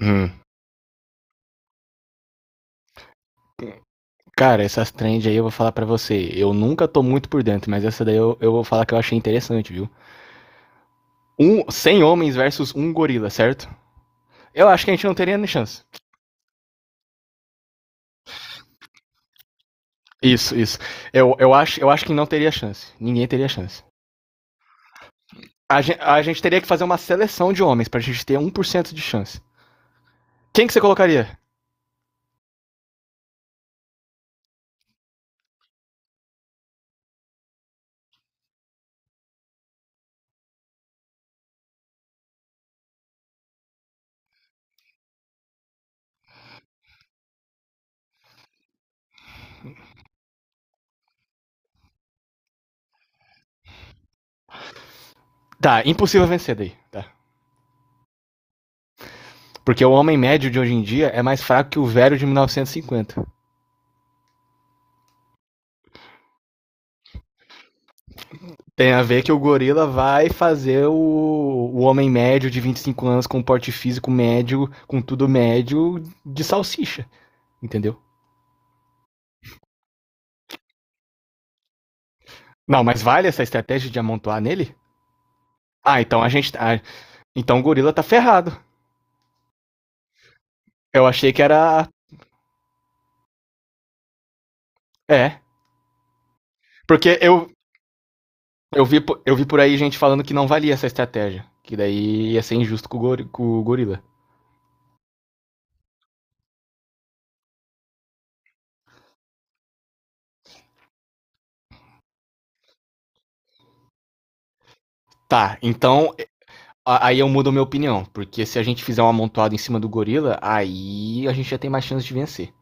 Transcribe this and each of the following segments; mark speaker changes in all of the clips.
Speaker 1: Hum. Cara, essas trends aí eu vou falar pra você. Eu nunca tô muito por dentro, mas essa daí eu vou falar que eu achei interessante, viu? 100 homens versus um gorila, certo? Eu acho que a gente não teria nem chance. Isso, isso. Eu acho que não teria chance. Ninguém teria chance. A gente teria que fazer uma seleção de homens pra gente ter 1% de chance. Quem que você colocaria? Tá, impossível vencer daí. Tá. Porque o homem médio de hoje em dia é mais fraco que o velho de 1950. Tem a ver que o gorila vai fazer o homem médio de 25 anos com um porte físico médio, com tudo médio, de salsicha, entendeu? Não, mas vale essa estratégia de amontoar nele? Ah, então o gorila tá ferrado. Eu achei que era. É. Porque eu, vi, eu vi por aí gente falando que não valia essa estratégia. Que daí ia ser injusto com o gorila. Tá, então aí eu mudo a minha opinião. Porque se a gente fizer um amontoado em cima do gorila, aí a gente já tem mais chance de vencer.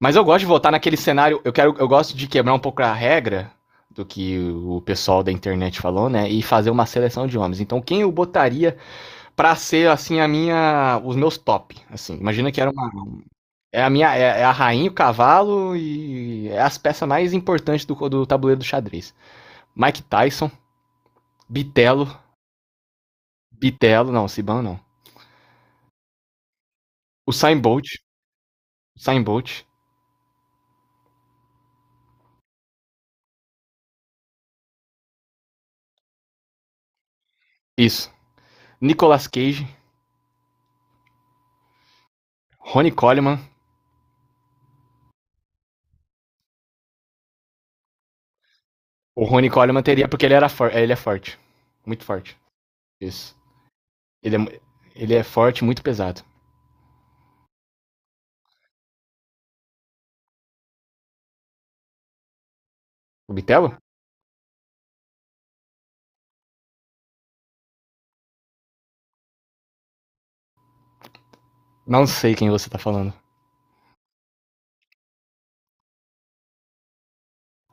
Speaker 1: Mas eu gosto de voltar naquele cenário. Eu gosto de quebrar um pouco a regra do que o pessoal da internet falou, né? E fazer uma seleção de homens. Então, quem eu botaria pra ser assim os meus top, assim. Imagina que era uma, é a minha, é, é a rainha, o cavalo e é as peças mais importantes do tabuleiro do xadrez. Mike Tyson, Bitello. Bitello não, Siban não. O Usain Bolt, Usain Bolt, isso. Nicolas Cage, Ronnie Coleman. O Ronnie Coleman teria porque ele é forte, muito forte. Isso. Ele é, ele é forte, muito pesado. O Bitelo? Não sei quem você tá falando.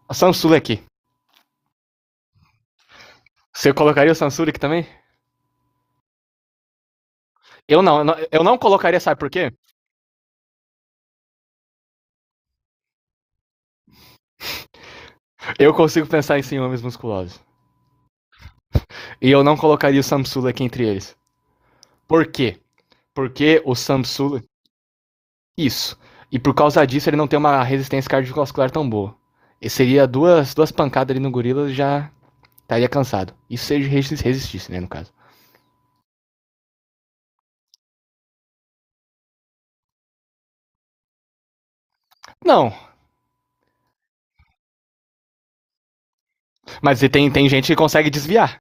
Speaker 1: A Sansula aqui. Você colocaria o Sansula aqui também? Eu não colocaria, sabe por quê? Eu consigo pensar em ciúmes musculosos. E eu não colocaria o Samsula aqui entre eles. Por quê? Porque o Samsula. Isso. E por causa disso ele não tem uma resistência cardiovascular tão boa. E seria duas pancadas ali no gorila já estaria cansado. Isso se ele resistisse, né, no caso. Não, mas e tem gente que consegue desviar.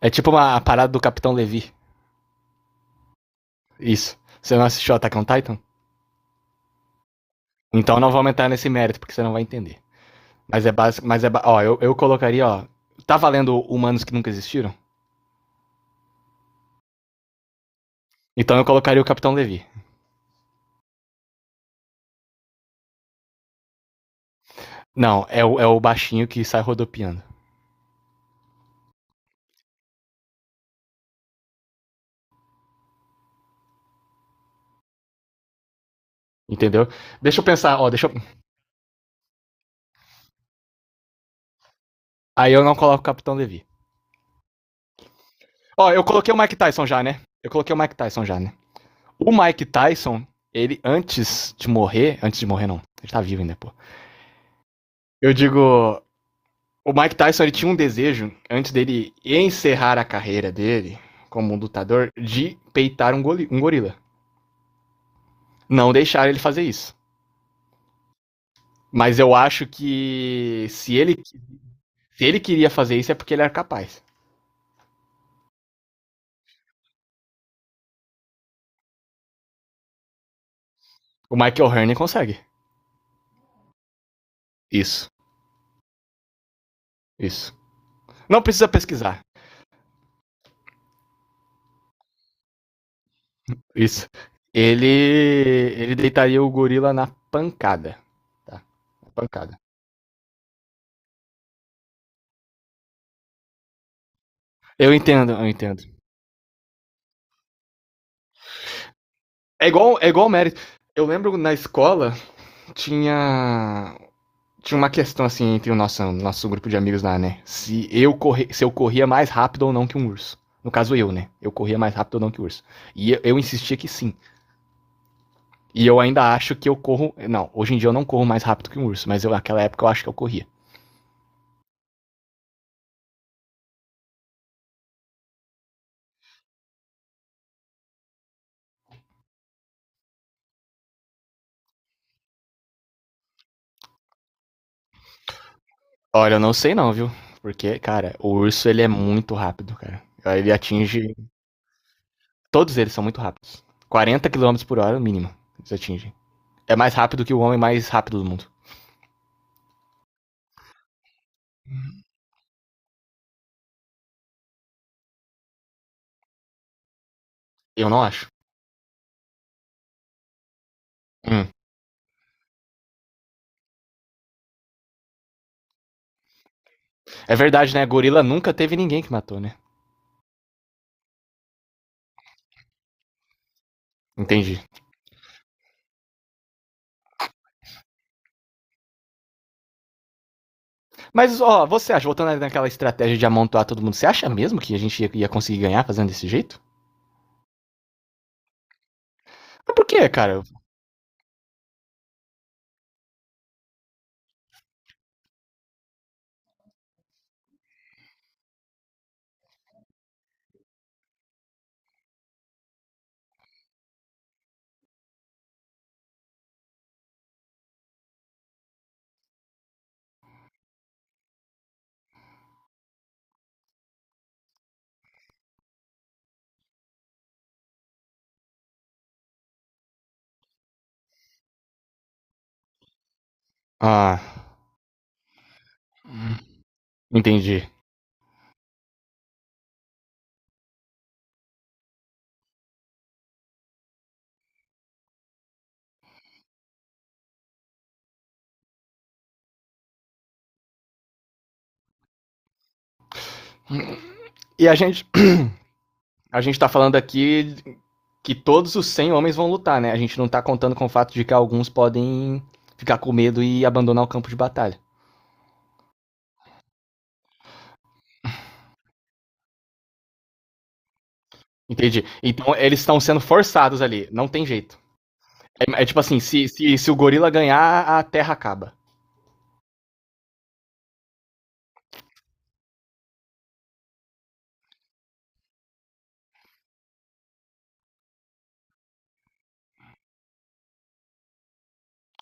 Speaker 1: É tipo uma parada do Capitão Levi. Isso. Você não assistiu Attack on Titan? Então não vou aumentar nesse mérito, porque você não vai entender. Mas é básico. Ó, eu colocaria, ó. Tá valendo humanos que nunca existiram? Então eu colocaria o Capitão Levi. Não, é o baixinho que sai rodopiando. Entendeu? Deixa eu pensar, ó, deixa eu. Aí eu não coloco o Capitão Levi. Ó, eu coloquei o Mike Tyson já, né? Eu coloquei o Mike Tyson já, né? O Mike Tyson, ele antes de morrer. Antes de morrer, não. Ele tá vivo ainda, pô. Eu digo. O Mike Tyson ele tinha um desejo, antes dele encerrar a carreira dele como um lutador, de peitar um gorila. Não deixaram ele fazer isso. Mas eu acho que se ele queria fazer isso é porque ele era capaz. O Michael Hearn consegue. Isso, isso. Não precisa pesquisar. Isso. Ele, ele deitaria o gorila na pancada. Tá, na pancada. Eu entendo, eu entendo. É igual o mérito. Eu lembro na escola tinha tinha uma questão assim entre o nosso grupo de amigos lá, né? Se eu corria mais rápido ou não que um urso. No caso eu, né? Eu corria mais rápido ou não que o urso. E eu insistia que sim. E eu ainda acho que eu corro. Não, hoje em dia eu não corro mais rápido que um urso, mas eu, naquela época eu acho que eu corria. Olha, eu não sei não, viu? Porque, cara, o urso ele é muito rápido, cara. Ele atinge. Todos eles são muito rápidos. 40 km por hora, mínimo. Eles atingem. É mais rápido que o homem mais rápido do mundo. Eu não acho. Hum. É verdade, né? Gorila nunca teve ninguém que matou, né? Entendi. Mas, ó, você acha, voltando ali naquela estratégia de amontoar todo mundo, você acha mesmo que a gente ia- conseguir ganhar fazendo desse jeito? Mas por quê, cara? Ah, entendi. E a gente tá falando aqui que todos os 100 homens vão lutar, né? A gente não tá contando com o fato de que alguns podem ficar com medo e abandonar o campo de batalha. Entendi. Então eles estão sendo forçados ali, não tem jeito. É, tipo assim, se o gorila ganhar, a terra acaba.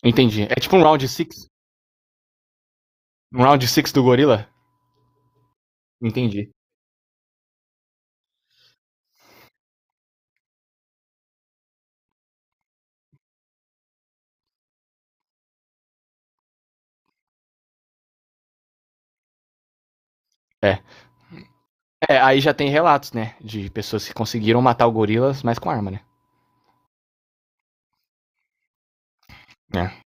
Speaker 1: Entendi. É tipo um round six? Um round six do gorila? Entendi. É. É, aí já tem relatos, né? De pessoas que conseguiram matar o gorilas, mas com arma, né? É.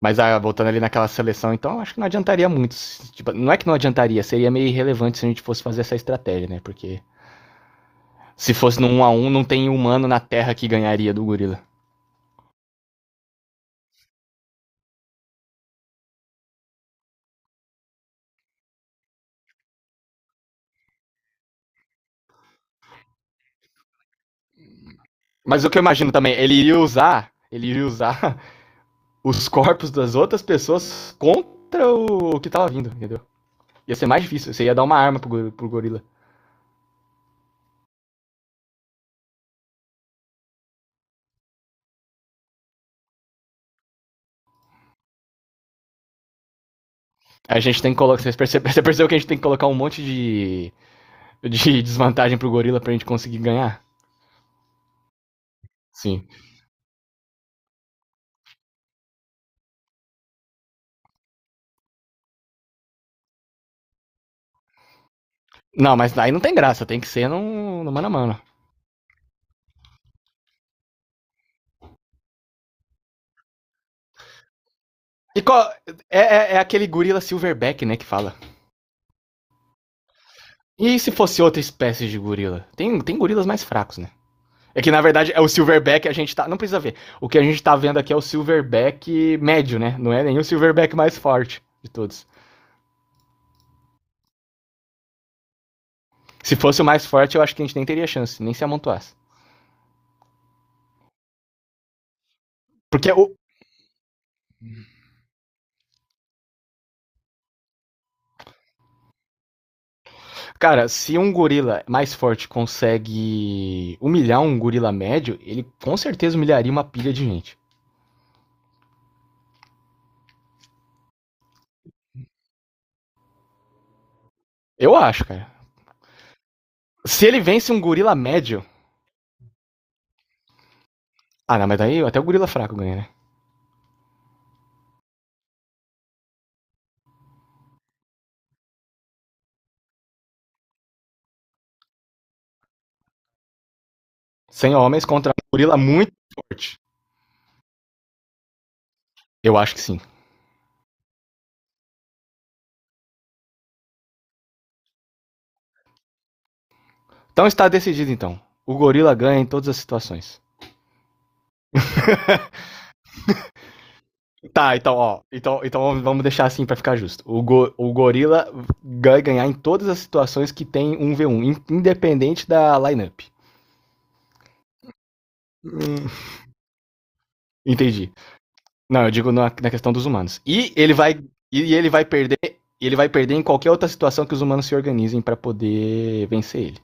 Speaker 1: Mas ah, voltando ali naquela seleção, então acho que não adiantaria muito. Tipo, não é que não adiantaria, seria meio irrelevante se a gente fosse fazer essa estratégia, né? Porque se fosse num 1 a um não tem humano na Terra que ganharia do gorila. Mas o que eu imagino também, ele iria usar os corpos das outras pessoas contra o que tava vindo, entendeu? Ia ser mais difícil, você ia dar uma arma pro gorila. A gente tem que colocar, vocês perce- Você percebeu que a gente tem que colocar um monte de desvantagem pro gorila pra gente conseguir ganhar. Sim. Não, mas aí não tem graça, tem que ser no mano a mano. E qual, é aquele gorila silverback, né, que fala. E se fosse outra espécie de gorila? Tem gorilas mais fracos, né? É que na verdade é o silverback a gente tá. Não precisa ver. O que a gente tá vendo aqui é o silverback médio, né? Não é nenhum silverback mais forte de todos. Se fosse o mais forte, eu acho que a gente nem teria chance, nem se amontoasse. Porque o, Cara, se um gorila mais forte consegue humilhar um gorila médio, ele com certeza humilharia uma pilha de gente. Eu acho, cara. Se ele vence um gorila médio. Ah, não, mas daí até o gorila fraco ganha, né? 100 homens contra um gorila muito forte. Eu acho que sim. Então está decidido, então. O gorila ganha em todas as situações. Tá, então, ó. Então, vamos deixar assim pra ficar justo. O gorila vai ganhar em todas as situações que tem 1v1, independente da lineup. Hum. Entendi. Não, eu digo na questão dos humanos. E ele vai perder em qualquer outra situação que os humanos se organizem pra poder vencer ele.